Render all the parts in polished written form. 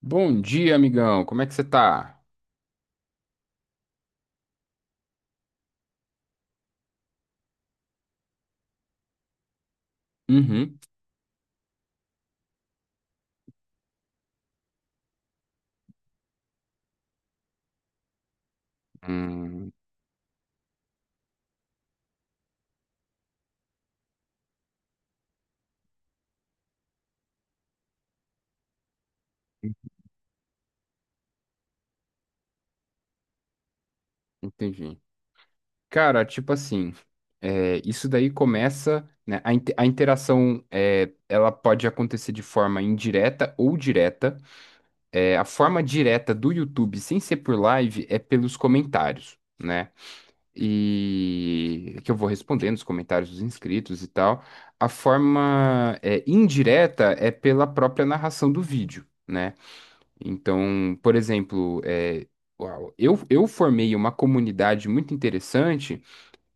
Bom dia, amigão. Como é que você tá? Uhum. Hum, entendi. Cara, tipo assim, isso daí começa, né? A interação, ela pode acontecer de forma indireta ou direta. A forma direta do YouTube, sem ser por live, é pelos comentários, né? E é que eu vou respondendo os comentários dos inscritos e tal. A forma, indireta é pela própria narração do vídeo, né? Então, por exemplo, uau, eu formei uma comunidade muito interessante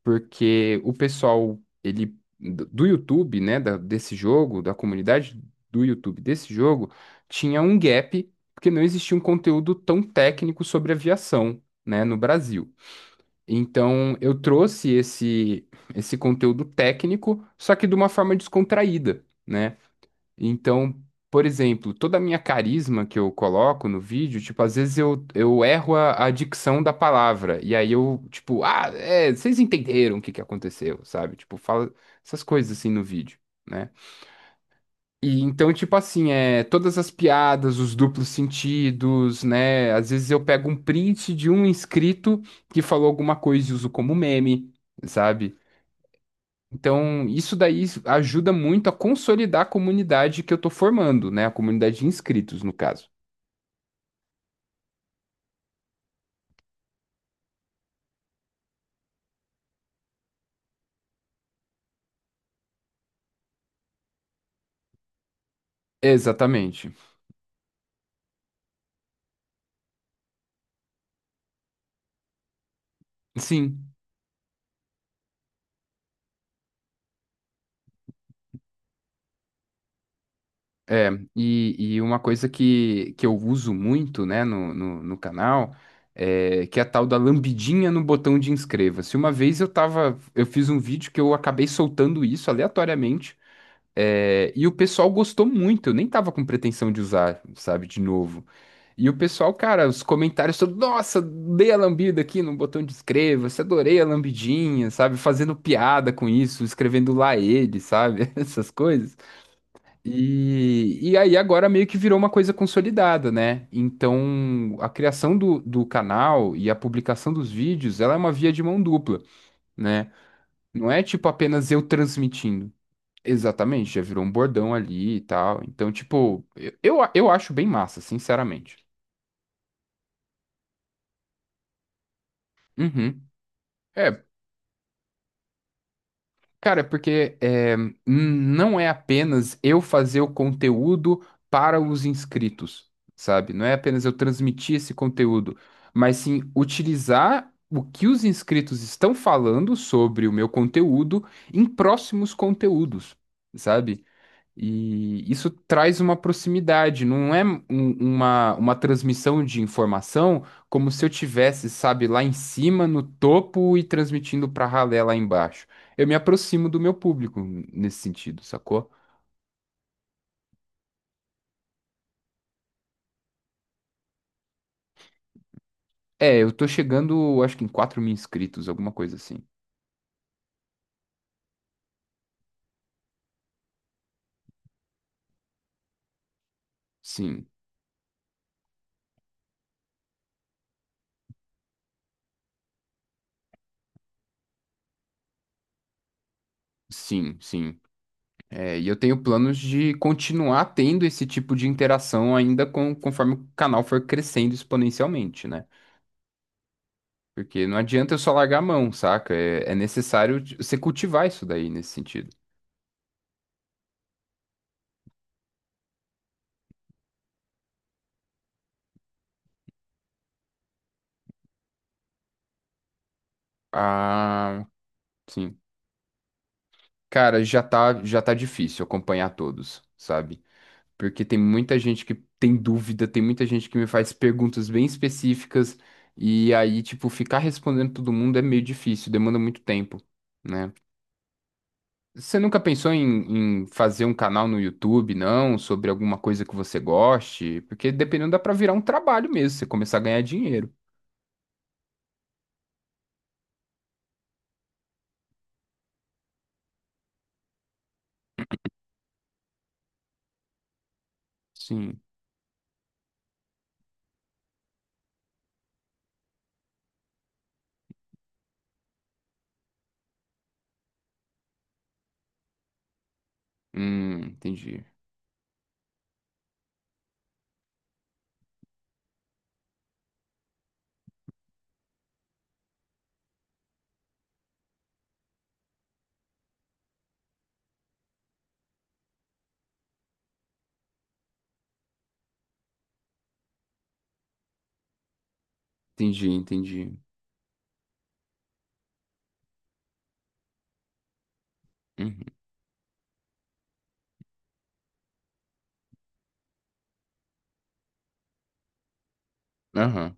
porque o pessoal ele do YouTube, né, desse jogo, da comunidade do YouTube desse jogo, tinha um gap porque não existia um conteúdo tão técnico sobre aviação, né, no Brasil. Então, eu trouxe esse conteúdo técnico, só que de uma forma descontraída, né? Então, por exemplo, toda a minha carisma que eu coloco no vídeo, tipo, às vezes eu erro a dicção da palavra. E aí eu, tipo, ah, é, vocês entenderam o que que aconteceu, sabe? Tipo, fala essas coisas assim no vídeo, né? E então, tipo assim, todas as piadas, os duplos sentidos, né? Às vezes eu pego um print de um inscrito que falou alguma coisa e uso como meme, sabe? Então, isso daí ajuda muito a consolidar a comunidade que eu estou formando, né? A comunidade de inscritos, no caso. Exatamente. Sim. É, e uma coisa que eu uso muito, né, no canal, é, que é a tal da lambidinha no botão de inscreva-se. Uma vez eu tava, eu fiz um vídeo que eu acabei soltando isso aleatoriamente. E o pessoal gostou muito, eu nem tava com pretensão de usar, sabe, de novo. E o pessoal, cara, os comentários todos, nossa, dei a lambida aqui no botão de inscreva-se, adorei a lambidinha, sabe, fazendo piada com isso, escrevendo lá ele, sabe, essas coisas. E aí agora meio que virou uma coisa consolidada, né? Então a criação do canal e a publicação dos vídeos, ela é uma via de mão dupla, né? Não é tipo apenas eu transmitindo. Exatamente, já virou um bordão ali e tal. Então, tipo, eu acho bem massa, sinceramente. Uhum. É, cara, é porque é, não é apenas eu fazer o conteúdo para os inscritos, sabe? Não é apenas eu transmitir esse conteúdo, mas sim utilizar o que os inscritos estão falando sobre o meu conteúdo em próximos conteúdos, sabe? E isso traz uma proximidade, não é uma transmissão de informação como se eu tivesse, sabe, lá em cima, no topo e transmitindo para ralé lá embaixo. Eu me aproximo do meu público nesse sentido, sacou? É, eu tô chegando, acho que em 4.000 inscritos, alguma coisa assim. Sim, sim, sim. É, e eu tenho planos de continuar tendo esse tipo de interação ainda com, conforme o canal for crescendo exponencialmente, né? Porque não adianta eu só largar a mão, saca? É, é necessário você cultivar isso daí nesse sentido. Ah, sim. Cara, já tá difícil acompanhar todos, sabe? Porque tem muita gente que tem dúvida, tem muita gente que me faz perguntas bem específicas, e aí, tipo, ficar respondendo todo mundo é meio difícil, demanda muito tempo, né? Você nunca pensou em, em fazer um canal no YouTube, não? Sobre alguma coisa que você goste? Porque dependendo, dá pra virar um trabalho mesmo, você começar a ganhar dinheiro. Sim. Entendi. Entendi, entendi. Uhum. Aham.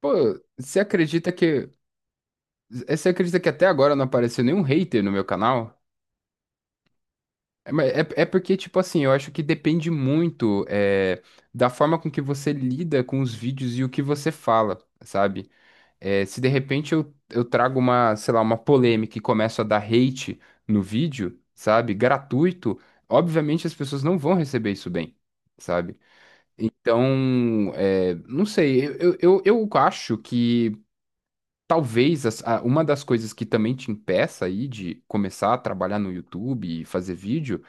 Pô, você acredita que. Eh, Você acredita que até agora não apareceu nenhum hater no meu canal? É, mas é porque, tipo assim, eu acho que depende muito é, da forma com que você lida com os vídeos e o que você fala, sabe? É, se de repente eu trago uma, sei lá, uma polêmica e começo a dar hate no vídeo, sabe? Gratuito, obviamente as pessoas não vão receber isso bem, sabe? Então, é, não sei, eu acho que talvez uma das coisas que também te impeça aí de começar a trabalhar no YouTube e fazer vídeo,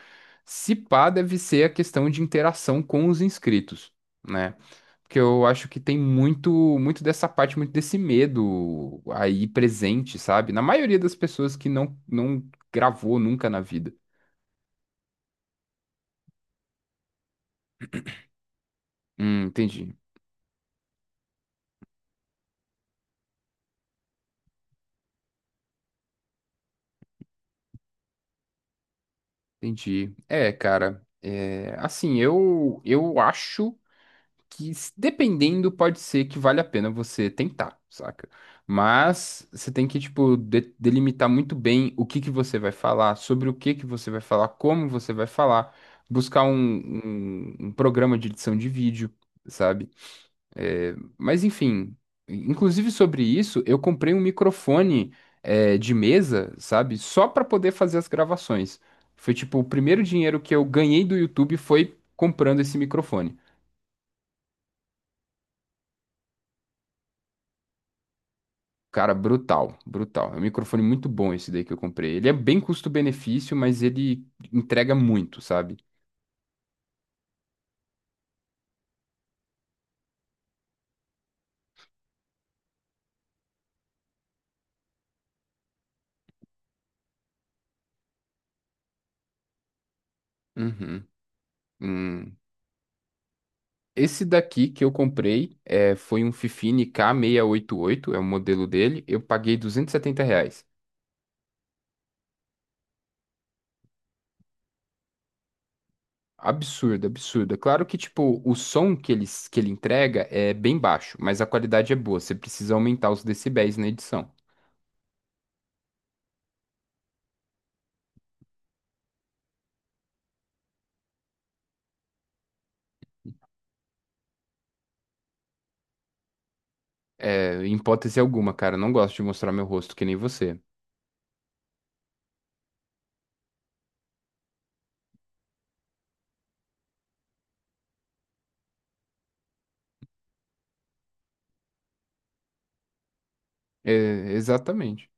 se pá, deve ser a questão de interação com os inscritos, né? Porque eu acho que tem muito dessa parte, muito desse medo aí presente, sabe? Na maioria das pessoas que não gravou nunca na vida. Entendi, entendi. É, cara, é, assim, eu acho que, dependendo, pode ser que vale a pena você tentar, saca? Mas você tem que, tipo, delimitar muito bem o que que você vai falar, sobre o que que você vai falar, como você vai falar, buscar um programa de edição de vídeo, sabe? É, mas, enfim, inclusive sobre isso, eu comprei um microfone, é, de mesa, sabe? Só para poder fazer as gravações. Foi, tipo, o primeiro dinheiro que eu ganhei do YouTube foi comprando esse microfone. Cara, brutal, brutal. É um microfone muito bom esse daí que eu comprei. Ele é bem custo-benefício, mas ele entrega muito, sabe? Uhum. Hum. Esse daqui que eu comprei é, foi um Fifine K688, é o modelo dele. Eu paguei R$ 270. Absurdo, absurdo. É claro que, tipo, o som que ele entrega é bem baixo, mas a qualidade é boa. Você precisa aumentar os decibéis na edição. É, em hipótese alguma, cara, eu não gosto de mostrar meu rosto que nem você. É, exatamente.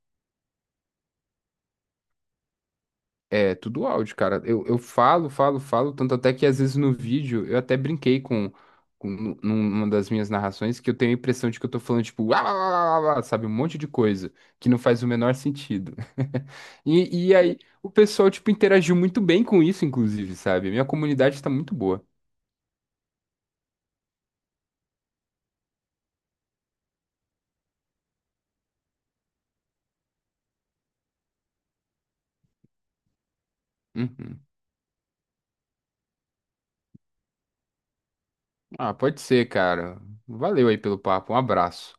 É, tudo áudio, cara. Eu, falo, falo, tanto até que às vezes no vídeo eu até brinquei com numa das minhas narrações que eu tenho a impressão de que eu tô falando, tipo, "Uá, uá, uá, uá, uá", sabe, um monte de coisa que não faz o menor sentido. E aí o pessoal, tipo, interagiu muito bem com isso, inclusive, sabe? Minha comunidade tá muito boa. Uhum. Ah, pode ser, cara. Valeu aí pelo papo. Um abraço.